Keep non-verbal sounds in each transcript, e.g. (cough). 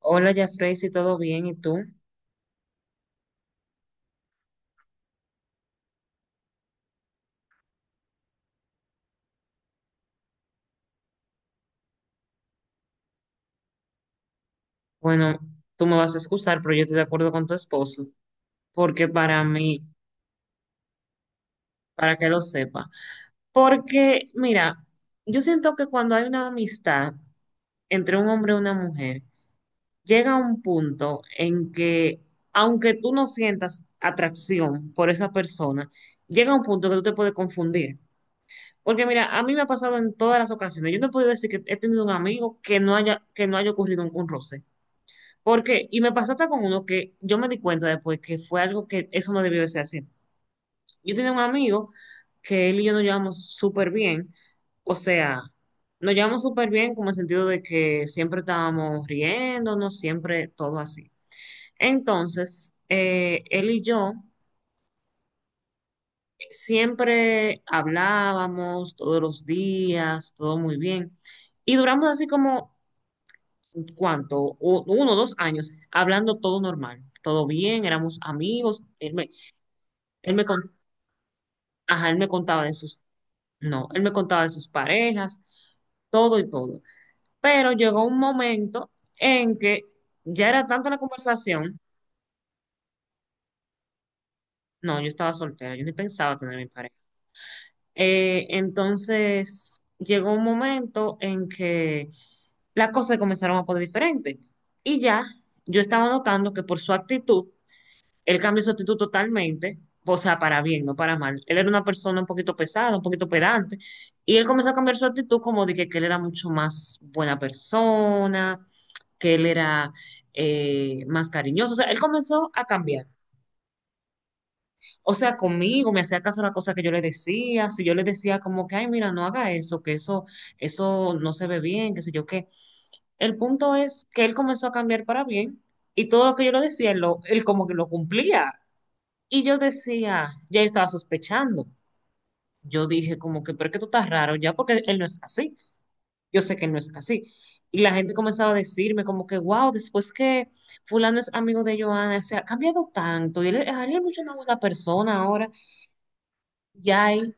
Hola, Jafrey, si todo bien, ¿y tú? Bueno, tú me vas a excusar, pero yo estoy de acuerdo con tu esposo, porque para mí, para que lo sepa, porque mira, yo siento que cuando hay una amistad entre un hombre y una mujer, llega un punto en que, aunque tú no sientas atracción por esa persona, llega un punto que tú te puedes confundir. Porque mira, a mí me ha pasado en todas las ocasiones, yo no he podido decir que he tenido un amigo que no haya ocurrido un roce. Porque, y me pasó hasta con uno que yo me di cuenta después que fue algo que eso no debió de ser así. Yo tenía un amigo que él y yo nos llevamos súper bien, o sea, nos llevamos súper bien como el sentido de que siempre estábamos riéndonos, siempre todo así. Entonces, él y yo siempre hablábamos todos los días, todo muy bien, y duramos así como ¿cuánto? 1 o 2 años, hablando todo normal, todo bien, éramos amigos, él me, con- ajá, él me contaba de sus, no, él me contaba de sus parejas, todo y todo. Pero llegó un momento en que ya era tanta la conversación, no, yo estaba soltera, yo ni pensaba tener mi pareja. Entonces, llegó un momento en que las cosas comenzaron a poner diferentes y ya yo estaba notando que por su actitud, él cambió su actitud totalmente, o sea, para bien, no para mal. Él era una persona un poquito pesada, un poquito pedante, y él comenzó a cambiar su actitud como de que él era mucho más buena persona, que él era más cariñoso. O sea, él comenzó a cambiar. O sea, conmigo me hacía caso a la cosa que yo le decía, si yo le decía como que, ay, mira, no haga eso, que eso no se ve bien, qué sé yo qué. El punto es que él comenzó a cambiar para bien y todo lo que yo le decía, él como que lo cumplía. Y yo decía, ya yo estaba sospechando. Yo dije como que, pero es que tú estás raro ya porque él no es así. Yo sé que él no es así. Y la gente comenzaba a decirme como que, wow, después que fulano es amigo de Joana, se ha cambiado tanto. Y él, él es mucho una buena persona ahora. Ya ahí,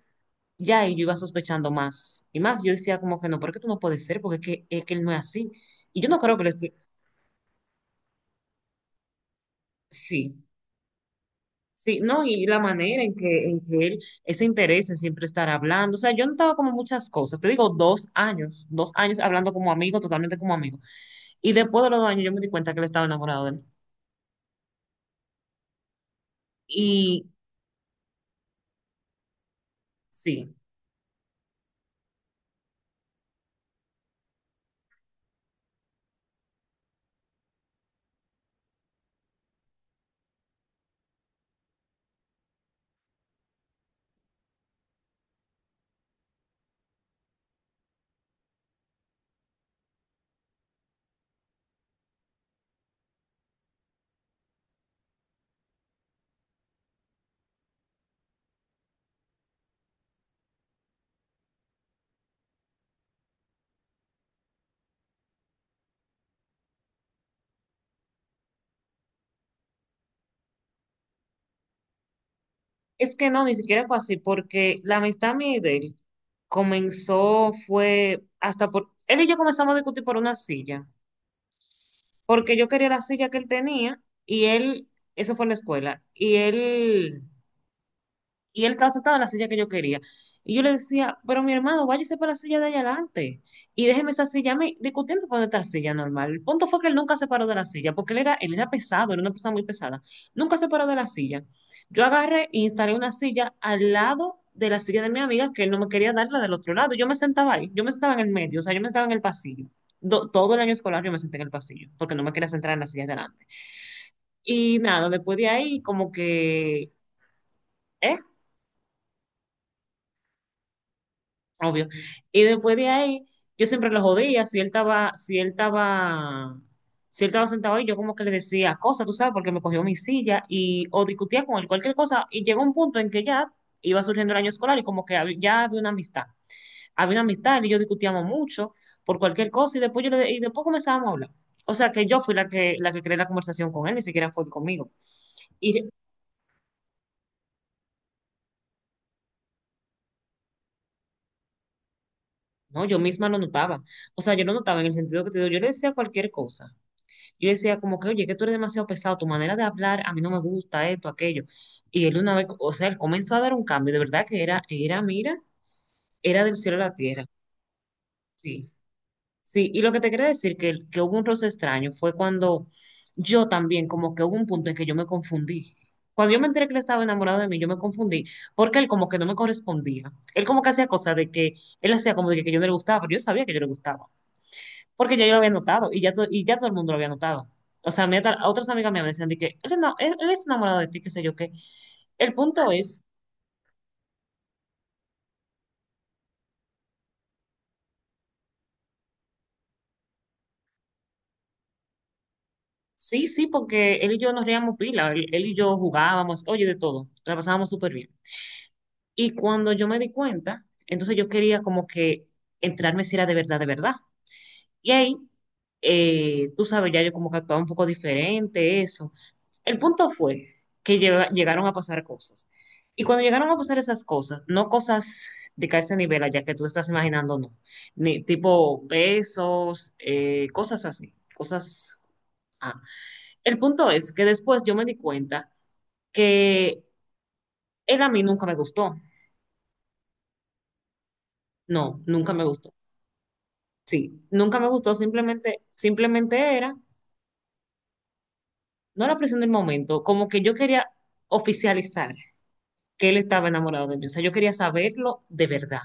ya ahí yo iba sospechando más. Y más, yo decía como que no, pero porque tú no puedes ser, porque es que él no es así. Y yo no creo que le esté... Sí. Sí, no, y la manera en que, él, ese interés en siempre estar hablando, o sea, yo notaba como muchas cosas, te digo, 2 años, 2 años hablando como amigo, totalmente como amigo, y después de los 2 años yo me di cuenta que él estaba enamorado de él. Y sí, es que no, ni siquiera fue así, porque la amistad mía y de él comenzó, fue hasta por, él y yo comenzamos a discutir por una silla, porque yo quería la silla que él tenía, y él, eso fue en la escuela, y él estaba sentado en la silla que yo quería. Y yo le decía, pero mi hermano, váyase para la silla de allá adelante y déjeme esa silla a mí discutiendo por esta silla normal. El punto fue que él nunca se paró de la silla, porque él era pesado, era una persona muy pesada. Nunca se paró de la silla. Yo agarré e instalé una silla al lado de la silla de mi amiga, que él no me quería dar la del otro lado. Yo me sentaba ahí, yo me sentaba en el medio, o sea, yo me sentaba en el pasillo. Todo el año escolar yo me senté en el pasillo, porque no me quería sentar en la silla de delante. Y nada, después de ahí, como que... ¿Eh? Obvio. Y después de ahí, yo siempre lo jodía, si él estaba, si él estaba, si él estaba sentado ahí, yo como que le decía cosas, tú sabes, porque me cogió mi silla y o discutía con él cualquier cosa, y llegó un punto en que ya iba surgiendo el año escolar y como que ya había una amistad. Había una amistad, él y yo discutíamos mucho por cualquier cosa y después y después comenzábamos a hablar. O sea que yo fui la que creé la conversación con él, ni siquiera fue él conmigo. Y re- no, yo misma lo notaba. O sea, yo lo notaba en el sentido que te digo, yo le decía cualquier cosa. Yo decía como que, oye, que tú eres demasiado pesado, tu manera de hablar a mí no me gusta, esto, aquello. Y él una vez, o sea, él comenzó a dar un cambio, de verdad que mira, era del cielo a la tierra. Sí, sí. Y lo que te quería decir, que hubo un roce extraño, fue cuando yo también, como que hubo un punto en que yo me confundí. Cuando yo me enteré que él estaba enamorado de mí, yo me confundí, porque él como que no me correspondía. Él como que hacía cosas de que, él hacía como de que yo no le gustaba, pero yo sabía que yo le gustaba porque ya yo lo había notado y ya todo el mundo lo había notado. O sea, mi otras amigas mías me decían de que no, él está enamorado de ti, qué sé yo qué. El punto es, sí, sí, porque él y yo nos reíamos pila, él y yo jugábamos, oye, de todo, la pasábamos súper bien. Y cuando yo me di cuenta, entonces yo quería como que entrarme si era de verdad, de verdad. Y ahí, tú sabes, ya yo como que actuaba un poco diferente, eso. El punto fue que llegaron a pasar cosas. Y cuando llegaron a pasar esas cosas, no cosas de que a ese nivel allá que tú estás imaginando, no. Ni tipo besos, cosas así, cosas. Ah. El punto es que después yo me di cuenta que él a mí nunca me gustó. No, nunca me gustó. Sí, nunca me gustó, simplemente era no la presión del momento, como que yo quería oficializar que él estaba enamorado de mí. O sea, yo quería saberlo de verdad,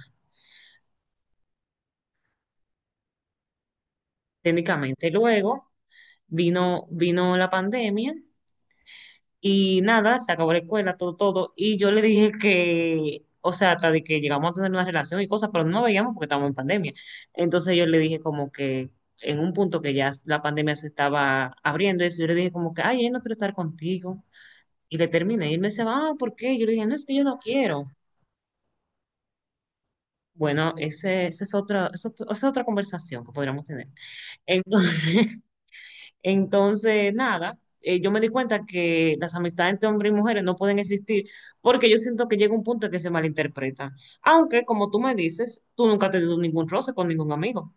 técnicamente. Luego vino la pandemia y nada, se acabó la escuela, todo, todo. Y yo le dije que, o sea, hasta de que llegamos a tener una relación y cosas, pero no nos veíamos porque estábamos en pandemia. Entonces yo le dije como que en un punto que ya la pandemia se estaba abriendo, eso, yo le dije como que, ay, yo no quiero estar contigo. Y le terminé. Y él me decía, ah, ¿por qué? Yo le dije, no, es que yo no quiero. Bueno, ese es otra, esa es otra conversación que podríamos tener. Entonces, (laughs) entonces nada, yo me di cuenta que las amistades entre hombres y mujeres no pueden existir porque yo siento que llega un punto en que se malinterpretan. Aunque, como tú me dices, tú nunca has tenido ningún roce con ningún amigo.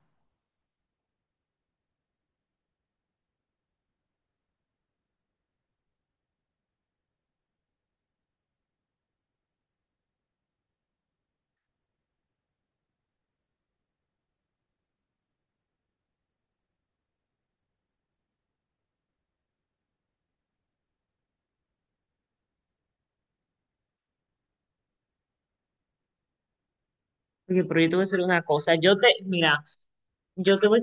Oye, pero yo te voy a decir una cosa. Mira, yo te voy,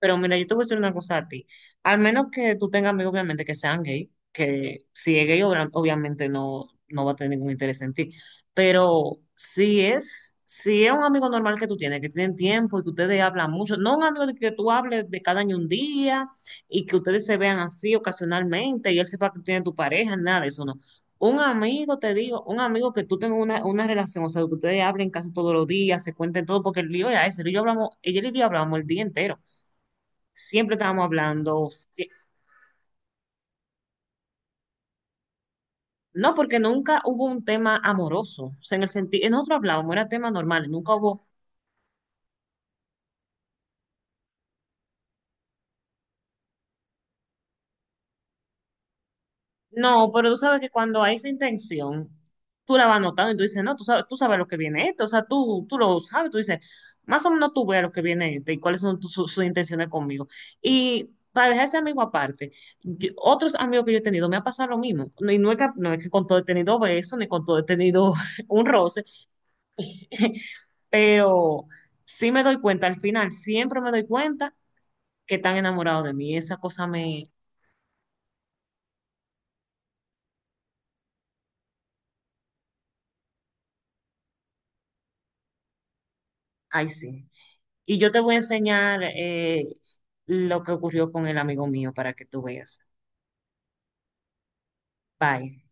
pero mira, yo te voy a decir una cosa a ti. Al menos que tú tengas amigos, obviamente, que sean gay, que si es gay, obviamente no, no va a tener ningún interés en ti. Pero si es un amigo normal que tú tienes, que tienen tiempo y que ustedes hablan mucho, no un amigo de que tú hables de cada año un día y que ustedes se vean así ocasionalmente y él sepa que tú tienes tu pareja, nada de eso, no. Un amigo, te digo, un amigo que tú tengas una relación, o sea, que ustedes hablen casi todos los días, se cuenten todo, porque el lío ya es, el lío hablamos, ella y yo hablamos el día entero, siempre estábamos hablando. No, porque nunca hubo un tema amoroso, o sea, en el sentido, nosotros hablábamos, era tema normal, nunca hubo, no, pero tú sabes que cuando hay esa intención, tú la vas notando y tú dices, no, tú sabes lo que viene esto, o sea, tú lo sabes, tú dices, más o menos tú ves lo que viene este y cuáles son sus intenciones conmigo. Y para dejar ese amigo aparte, otros amigos que yo he tenido me ha pasado lo mismo, no, y no es que, con todo he tenido besos, ni con todo he tenido (laughs) un roce, (laughs) pero sí me doy cuenta, al final siempre me doy cuenta que están enamorados de mí, esa cosa me, ay sí. Y yo te voy a enseñar lo que ocurrió con el amigo mío para que tú veas. Bye.